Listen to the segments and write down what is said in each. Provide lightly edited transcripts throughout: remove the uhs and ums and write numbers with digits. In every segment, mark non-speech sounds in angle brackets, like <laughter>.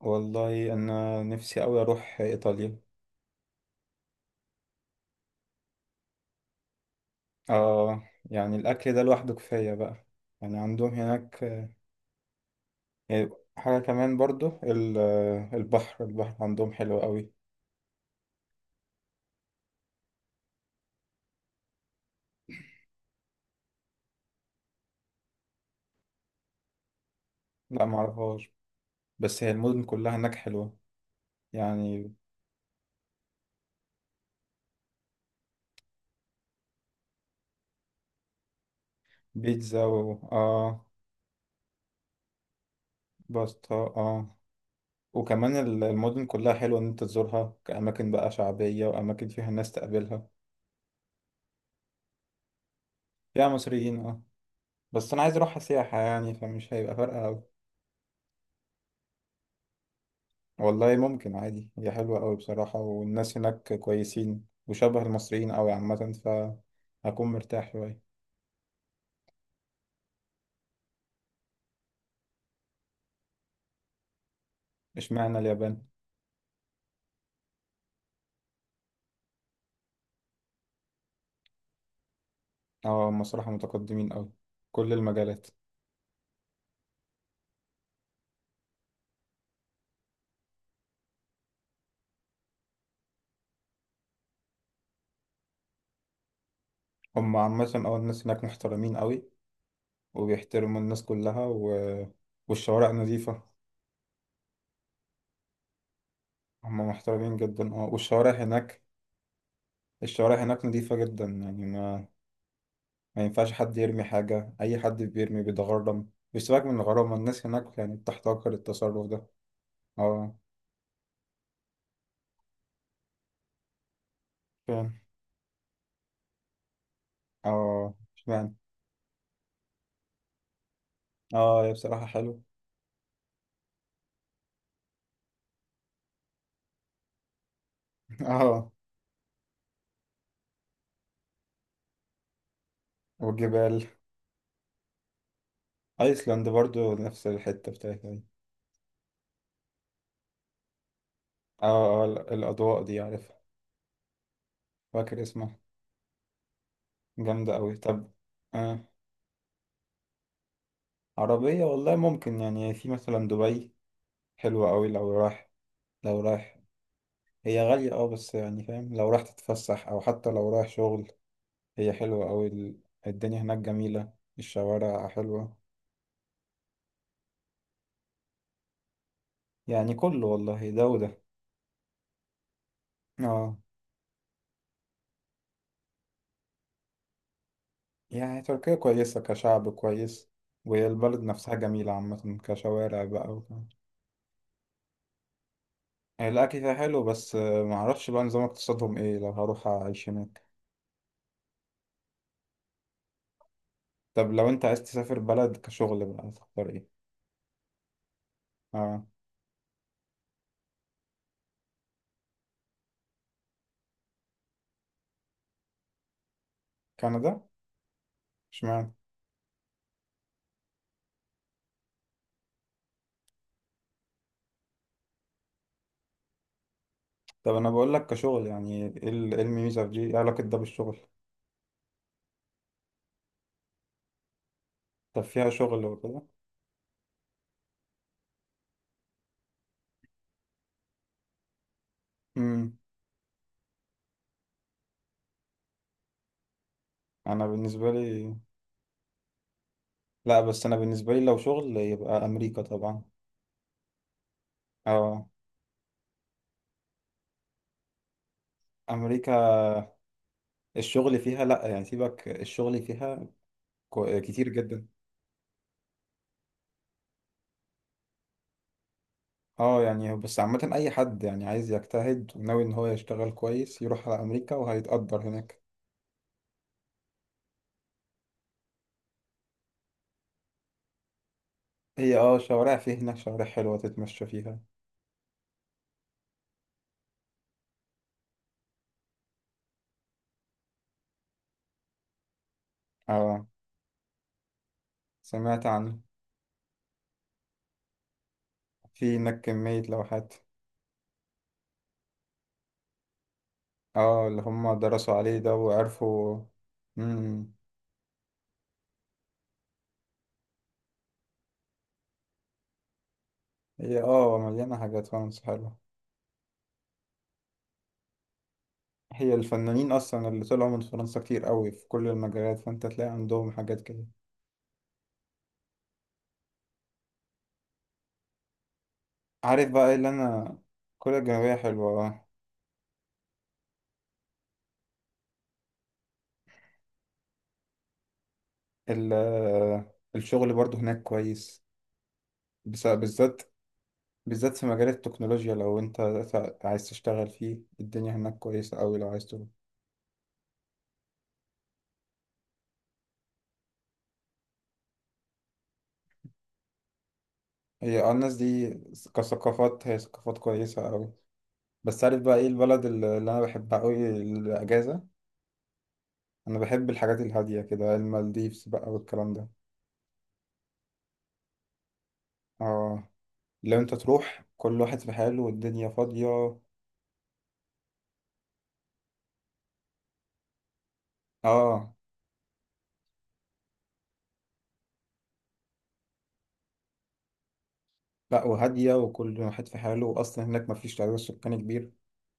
والله انا نفسي اوي اروح ايطاليا. اه. يعني الاكل ده لوحده كفايه بقى. يعني عندهم هناك. آه، حاجه كمان برضو البحر عندهم حلو قوي. لا معرفهاش، بس هي المدن كلها هناك حلوه. يعني بيتزا اه. باستا اه. وكمان المدن كلها حلوه ان انت تزورها كاماكن بقى شعبيه واماكن فيها الناس تقابلها. فيها مصريين اه. بس انا عايز اروحها سياحه يعني فمش هيبقى فارقه أوي. والله ممكن عادي، هي حلوة أوي بصراحة والناس هناك كويسين وشبه المصريين أوي عامة. فهكون مرتاح شوية. اشمعنى اليابان؟ اه، هم صراحة متقدمين أوي. كل المجالات. هم عامة أه الناس هناك محترمين أوي وبيحترموا الناس كلها والشوارع نظيفة. هم محترمين جدا اه. والشوارع هناك الشوارع هناك نظيفة جدا. يعني ما ينفعش حد يرمي حاجة. أي حد بيرمي بيتغرم بيسيبك من الغرامة. الناس هناك يعني بتحتقر التصرف ده. اه فعلا. اه. اشمعنى. اه هي بصراحة حلو. <laughs> اه. والجبال. ايسلاند برضو نفس الحتة بتاعتها دي. اه اه الاضواء دي عارفها. فاكر اسمها. جامدة اوي طب. آه. عربية والله ممكن. يعني في مثلا دبي حلوة اوي لو رايح. لو رايح هي غالية اه، بس يعني فاهم لو رايح تتفسح او حتى لو رايح شغل هي حلوة اوي. الدنيا هناك جميلة. الشوارع حلوة. يعني كله والله ده وده. اه. يعني تركيا كويسة كشعب كويس. والبلد نفسها جميلة عامة كشوارع بقى وكده. يعني الأكل فيها حلو، بس معرفش بقى نظام اقتصادهم إيه لو هروح أعيش هناك. طب لو أنت عايز تسافر بلد كشغل بقى تختار إيه؟ آه. كندا؟ اشمعنى؟ طب أنا بقول لك كشغل، يعني إيه إيه الميزة في دي؟ إيه علاقة ده بالشغل؟ طب فيها شغل وكده؟ أمم. أنا بالنسبة لي. لأ، بس أنا بالنسبة لي لو شغل يبقى أمريكا طبعا. آه. أمريكا. الشغل فيها لأ، يعني سيبك الشغل فيها. كتير جدا. اه يعني بس عامة أي حد يعني عايز يجتهد وناوي إن هو يشتغل كويس يروح على أمريكا وهيتقدر هناك. هي اه شوارع في هناك، شوارع حلوة تتمشى فيها. اه سمعت عنه. في هناك كمية لوحات. اه اللي هم درسوا عليه ده وعرفوا. مم. هي اه مليانة حاجات، فرنسا حلوة. هي الفنانين أصلا اللي طلعوا من فرنسا كتير قوي في كل المجالات، فأنت تلاقي عندهم حاجات كده. عارف بقى إيه اللي أنا. كوريا الجنوبية حلوة. الشغل برضو هناك كويس. بالذات، بالذات في مجال التكنولوجيا لو انت عايز تشتغل فيه الدنيا هناك كويسة أوي لو عايز تروح. هي اه الناس دي كثقافات، هي ثقافات كويسة أوي. بس عارف بقى ايه البلد اللي أنا بحبها أوي، الأجازة. أنا بحب الحاجات الهادية كده، المالديفز بقى والكلام ده. اه لو انت تروح كل واحد في حاله والدنيا فاضية. اه. لا، وهادية وكل واحد في حاله وأصلا هناك مفيش تعداد سكاني كبير.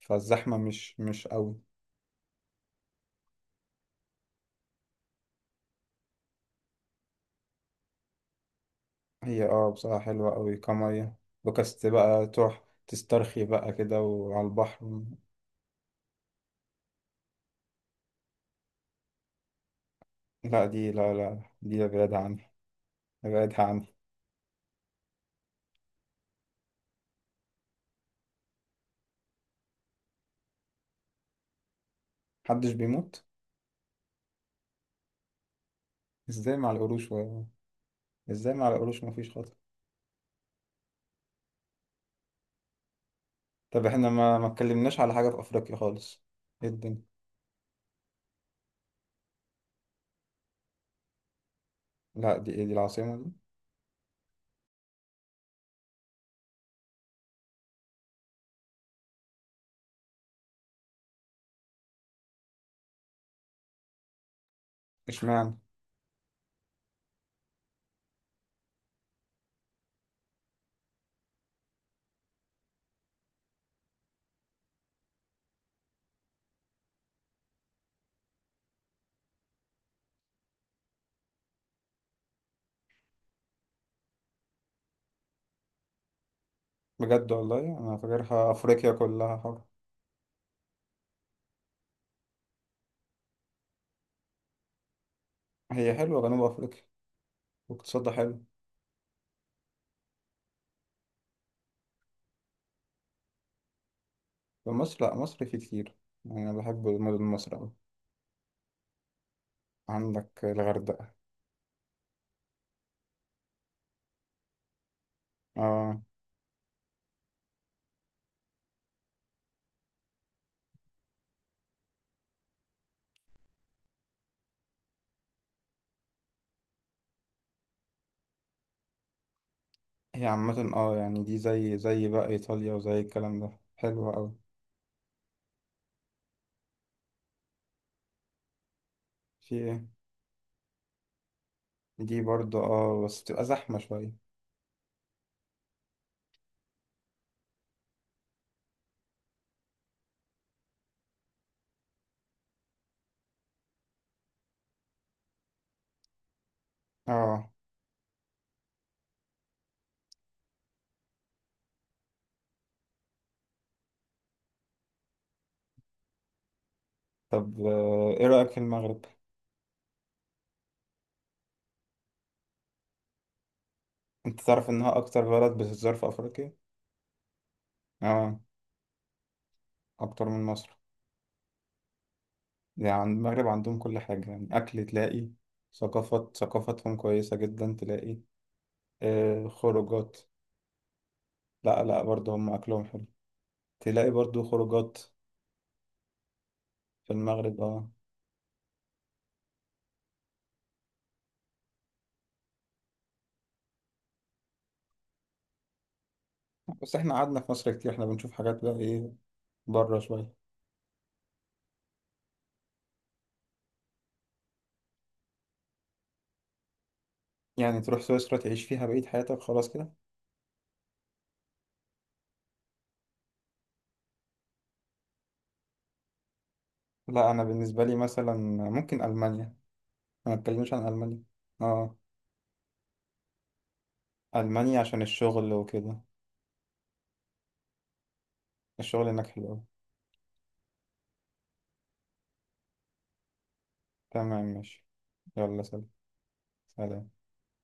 فالزحمة مش قوي. هي اه بصراحة حلوة قوي كمية. بكست بقى تروح تسترخي بقى كده وعلى البحر. لا دي، لا لا دي ابعدها عني. ابعدها عني. محدش بيموت. ازاي مع القروش و... ازاي مع القروش مفيش خطر. طب احنا ما اتكلمناش على حاجة في أفريقيا خالص. ايه الدنيا. لا دي ايه، دي العاصمة دي. اشمعنى. بجد، والله أنا فاكرها أفريقيا كلها حر. هي حلوة جنوب أفريقيا. اقتصاد ده حلو. في مصر لا، مصر فيه كتير. يعني انا بحب مدن مصر أوي. عندك الغردقة. اه هي عامة اه، يعني دي زي بقى ايطاليا وزي الكلام ده حلوة أوي. في ايه. دي برضه اه، بس تبقى زحمة شوية. اه. طب ايه رأيك في المغرب؟ انت تعرف انها اكتر بلد بتتزار في افريقيا. اه اكتر من مصر. يعني المغرب عندهم كل حاجة، يعني اكل تلاقي، ثقافات، ثقافتهم كويسة جدا تلاقي. آه خروجات. لا لا، برضه هم أكلهم حلو. تلاقي برضو خروجات. في المغرب اه. بس احنا قعدنا في مصر كتير، احنا بنشوف حاجات بقى، ايه، بره شوية. يعني تروح سويسرا تعيش فيها بقية حياتك خلاص كده. لا، انا بالنسبة لي مثلا ممكن ألمانيا. أنا ما اتكلمش عن ألمانيا. اه. ألمانيا عشان الشغل وكده. الشغل هناك حلو أوي. تمام ماشي. يلا سلام. سلام.